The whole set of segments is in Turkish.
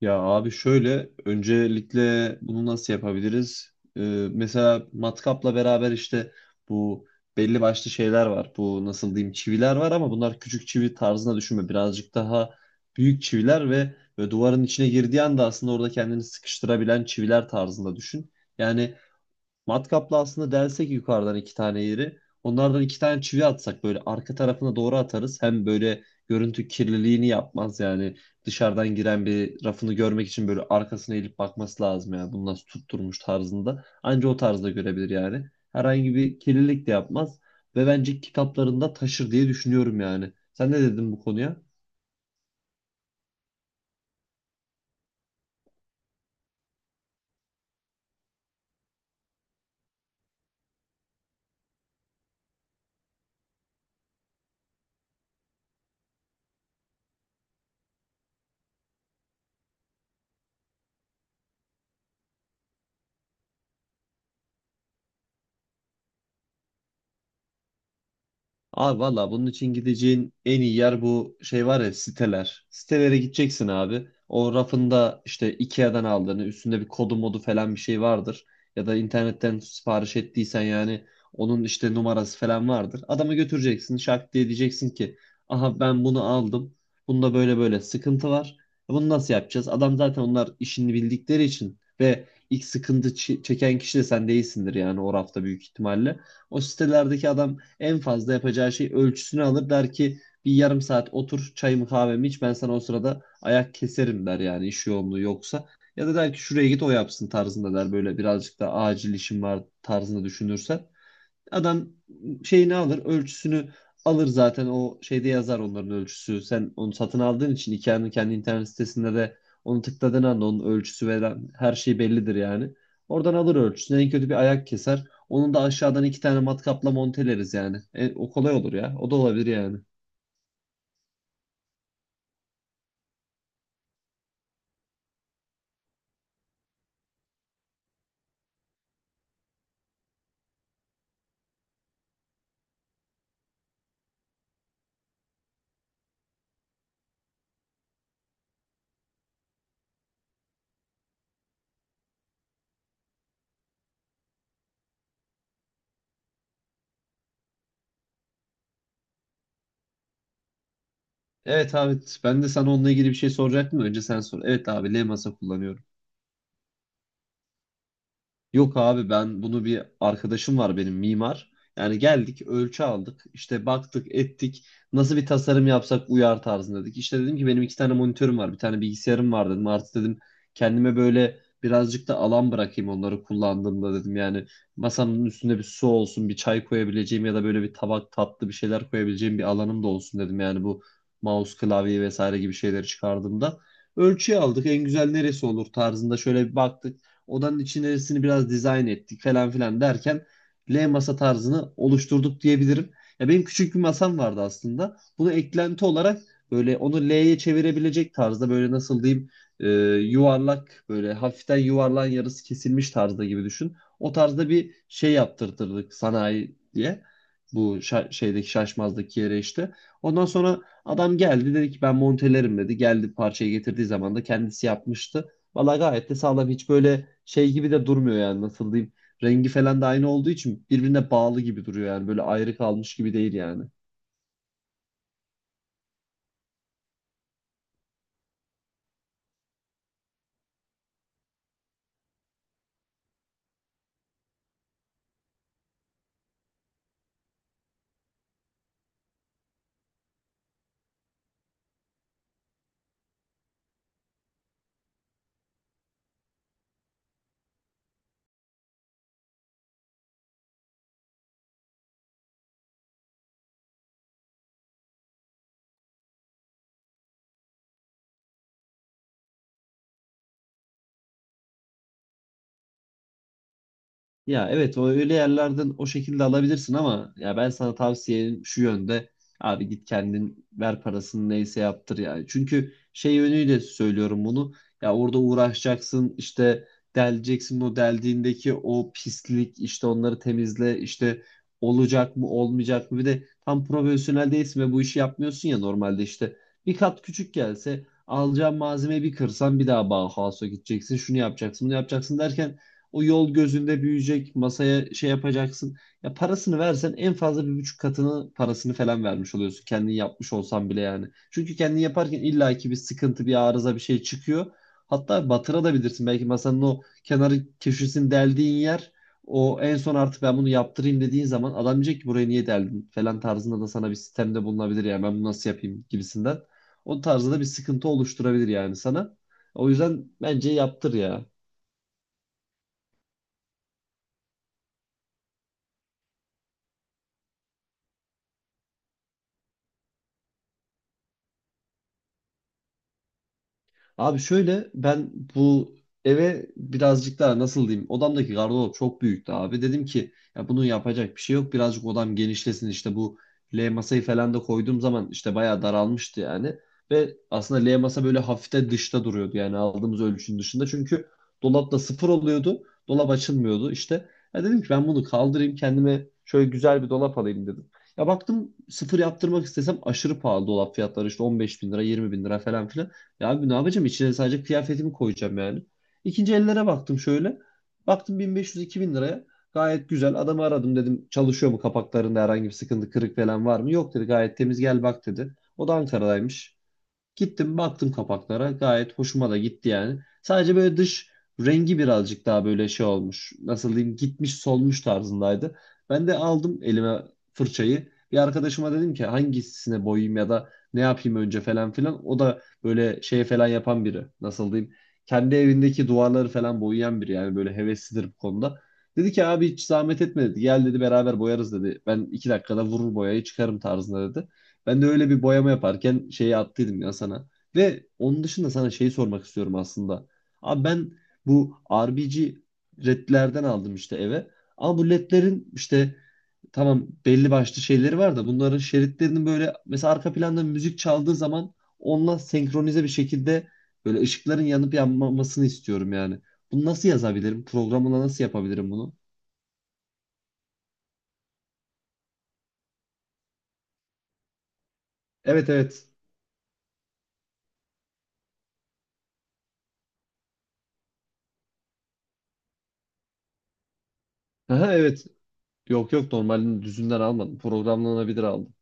Ya abi şöyle öncelikle bunu nasıl yapabiliriz? Mesela matkapla beraber işte bu belli başlı şeyler var. Bu nasıl diyeyim çiviler var ama bunlar küçük çivi tarzına düşünme. Birazcık daha büyük çiviler ve duvarın içine girdiği anda aslında orada kendini sıkıştırabilen çiviler tarzında düşün. Yani matkapla aslında delsek yukarıdan iki tane yeri. Onlardan iki tane çivi atsak böyle arka tarafına doğru atarız. Hem böyle görüntü kirliliğini yapmaz yani. Dışarıdan giren bir rafını görmek için böyle arkasına eğilip bakması lazım ya, bunu nasıl tutturmuş tarzında. Anca o tarzda görebilir yani. Herhangi bir kirlilik de yapmaz. Ve bence kitaplarında taşır diye düşünüyorum yani. Sen ne dedin bu konuya? Abi valla bunun için gideceğin en iyi yer bu şey var ya siteler. Sitelere gideceksin abi. O rafında işte Ikea'dan aldığını üstünde bir kodu modu falan bir şey vardır. Ya da internetten sipariş ettiysen yani onun işte numarası falan vardır. Adamı götüreceksin şak diye diyeceksin ki aha ben bunu aldım. Bunda böyle böyle sıkıntı var. Bunu nasıl yapacağız? Adam zaten onlar işini bildikleri için ve ilk sıkıntı çeken kişi de sen değilsindir yani o rafta büyük ihtimalle. O sitelerdeki adam en fazla yapacağı şey ölçüsünü alır der ki bir yarım saat otur çayımı kahvemi iç ben sana o sırada ayak keserim der yani iş yoğunluğu yoksa. Ya da der ki şuraya git o yapsın tarzında der böyle birazcık da acil işim var tarzında düşünürsen. Adam şeyini alır, ölçüsünü alır zaten o şeyde yazar onların ölçüsü. Sen onu satın aldığın için IKEA'nın kendi internet sitesinde de onu tıkladığın anda onun ölçüsü ve her şey bellidir yani. Oradan alır ölçüsünü. En kötü bir ayak keser. Onun da aşağıdan iki tane matkapla monteleriz yani. O kolay olur ya. O da olabilir yani. Evet abi ben de sana onunla ilgili bir şey soracaktım. Da önce sen sor. Evet abi L masa kullanıyorum. Yok abi ben bunu bir arkadaşım var benim mimar. Yani geldik ölçü aldık işte baktık ettik nasıl bir tasarım yapsak uyar tarzında dedik. İşte dedim ki benim iki tane monitörüm var bir tane bilgisayarım var dedim. Artık dedim kendime böyle birazcık da alan bırakayım onları kullandığımda dedim. Yani masamın üstünde bir su olsun bir çay koyabileceğim ya da böyle bir tabak tatlı bir şeyler koyabileceğim bir alanım da olsun dedim. Yani bu mouse klavye vesaire gibi şeyleri çıkardığımda. Ölçüyü aldık en güzel neresi olur tarzında şöyle bir baktık. Odanın içerisini biraz dizayn ettik falan filan derken L masa tarzını oluşturduk diyebilirim. Ya benim küçük bir masam vardı aslında. Bunu eklenti olarak böyle onu L'ye çevirebilecek tarzda böyle nasıl diyeyim e, yuvarlak böyle hafiften yuvarlan yarısı kesilmiş tarzda gibi düşün. O tarzda bir şey yaptırtırdık sanayi diye. Bu şeydeki şaşmazdaki yere işte. Ondan sonra adam geldi dedi ki ben montelerim dedi. Geldi parçayı getirdiği zaman da kendisi yapmıştı. Valla gayet de sağlam. Hiç böyle şey gibi de durmuyor yani nasıl diyeyim. Rengi falan da aynı olduğu için birbirine bağlı gibi duruyor yani. Böyle ayrı kalmış gibi değil yani. Ya evet o öyle yerlerden o şekilde alabilirsin ama ya ben sana tavsiyem şu yönde abi git kendin ver parasını neyse yaptır yani. Çünkü şey yönüyle söylüyorum bunu. Ya orada uğraşacaksın işte deleceksin o deldiğindeki o pislik işte onları temizle işte olacak mı olmayacak mı bir de tam profesyonel değilsin ve bu işi yapmıyorsun ya normalde işte bir kat küçük gelse alacağın malzemeyi bir kırsan bir daha Bauhaus'a gideceksin şunu yapacaksın bunu yapacaksın derken o yol gözünde büyüyecek, masaya şey yapacaksın. Ya parasını versen en fazla bir buçuk katını parasını falan vermiş oluyorsun. Kendin yapmış olsan bile yani. Çünkü kendin yaparken illaki bir sıkıntı, bir arıza, bir şey çıkıyor. Hatta batırabilirsin. Belki masanın o kenarı köşesini deldiğin yer o en son artık ben bunu yaptırayım dediğin zaman adam diyecek ki buraya niye deldin falan tarzında da sana bir sistemde bulunabilir yani ben bunu nasıl yapayım gibisinden. O tarzda da bir sıkıntı oluşturabilir yani sana. O yüzden bence yaptır ya. Abi şöyle ben bu eve birazcık daha nasıl diyeyim odamdaki gardırop çok büyüktü abi. Dedim ki ya bunu yapacak bir şey yok birazcık odam genişlesin işte bu L masayı falan da koyduğum zaman işte bayağı daralmıştı yani. Ve aslında L masa böyle hafif de dışta duruyordu yani aldığımız ölçünün dışında. Çünkü dolapta sıfır oluyordu dolap açılmıyordu işte. Ya dedim ki ben bunu kaldırayım kendime şöyle güzel bir dolap alayım dedim. Ya baktım sıfır yaptırmak istesem aşırı pahalı dolap fiyatları işte 15 bin lira 20 bin lira falan filan. Ya abi ne yapacağım? İçine sadece kıyafetimi koyacağım yani. İkinci ellere baktım şöyle. Baktım 1500-2000 liraya. Gayet güzel. Adamı aradım dedim çalışıyor mu kapaklarında herhangi bir sıkıntı kırık falan var mı? Yok dedi gayet temiz gel bak dedi. O da Ankara'daymış. Gittim baktım kapaklara gayet hoşuma da gitti yani. Sadece böyle dış rengi birazcık daha böyle şey olmuş. Nasıl diyeyim gitmiş solmuş tarzındaydı. Ben de aldım elime fırçayı. Bir arkadaşıma dedim ki hangisine boyayayım ya da ne yapayım önce falan filan. O da böyle şey falan yapan biri. Nasıl diyeyim kendi evindeki duvarları falan boyayan biri yani böyle heveslidir bu konuda. Dedi ki abi hiç zahmet etme dedi. Gel dedi beraber boyarız dedi. Ben iki dakikada vurur boyayı çıkarım tarzında dedi. Ben de öyle bir boyama yaparken şeyi attıydım ya sana. Ve onun dışında sana şeyi sormak istiyorum aslında. Abi ben bu RBG ledlerden aldım işte eve. Ama bu ledlerin işte tamam belli başlı şeyleri var da bunların şeritlerinin böyle mesela arka planda müzik çaldığı zaman onunla senkronize bir şekilde böyle ışıkların yanıp yanmamasını istiyorum yani. Bunu nasıl yazabilirim? Programla nasıl yapabilirim bunu? Evet evet. Aha, evet. Yok yok normalini düzünden almadım. Programlanabilir aldım.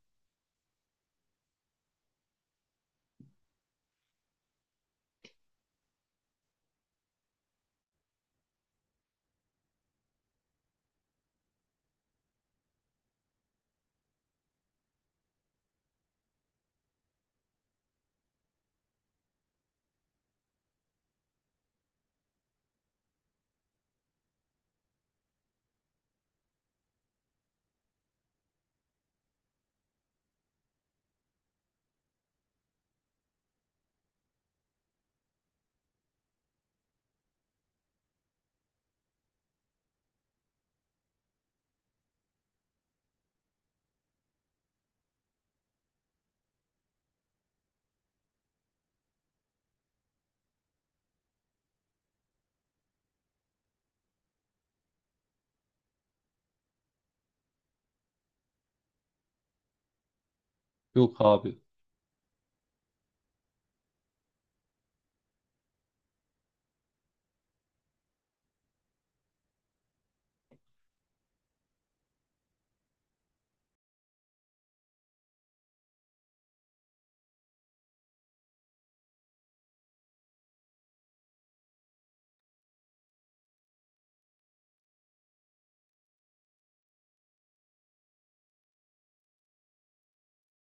Yok abi.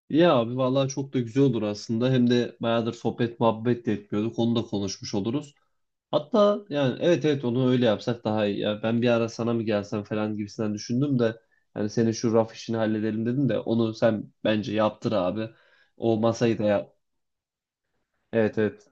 Ya abi vallahi çok da güzel olur aslında. Hem de bayağıdır sohbet muhabbet de etmiyorduk. Onu da konuşmuş oluruz. Hatta yani evet evet onu öyle yapsak daha iyi. Ya ben bir ara sana mı gelsem falan gibisinden düşündüm de yani senin şu raf işini halledelim dedim de onu sen bence yaptır abi. O masayı da yap. Evet evet.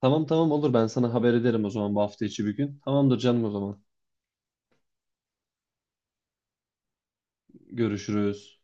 Tamam tamam olur ben sana haber ederim o zaman bu hafta içi bir gün. Tamamdır canım o zaman. Görüşürüz.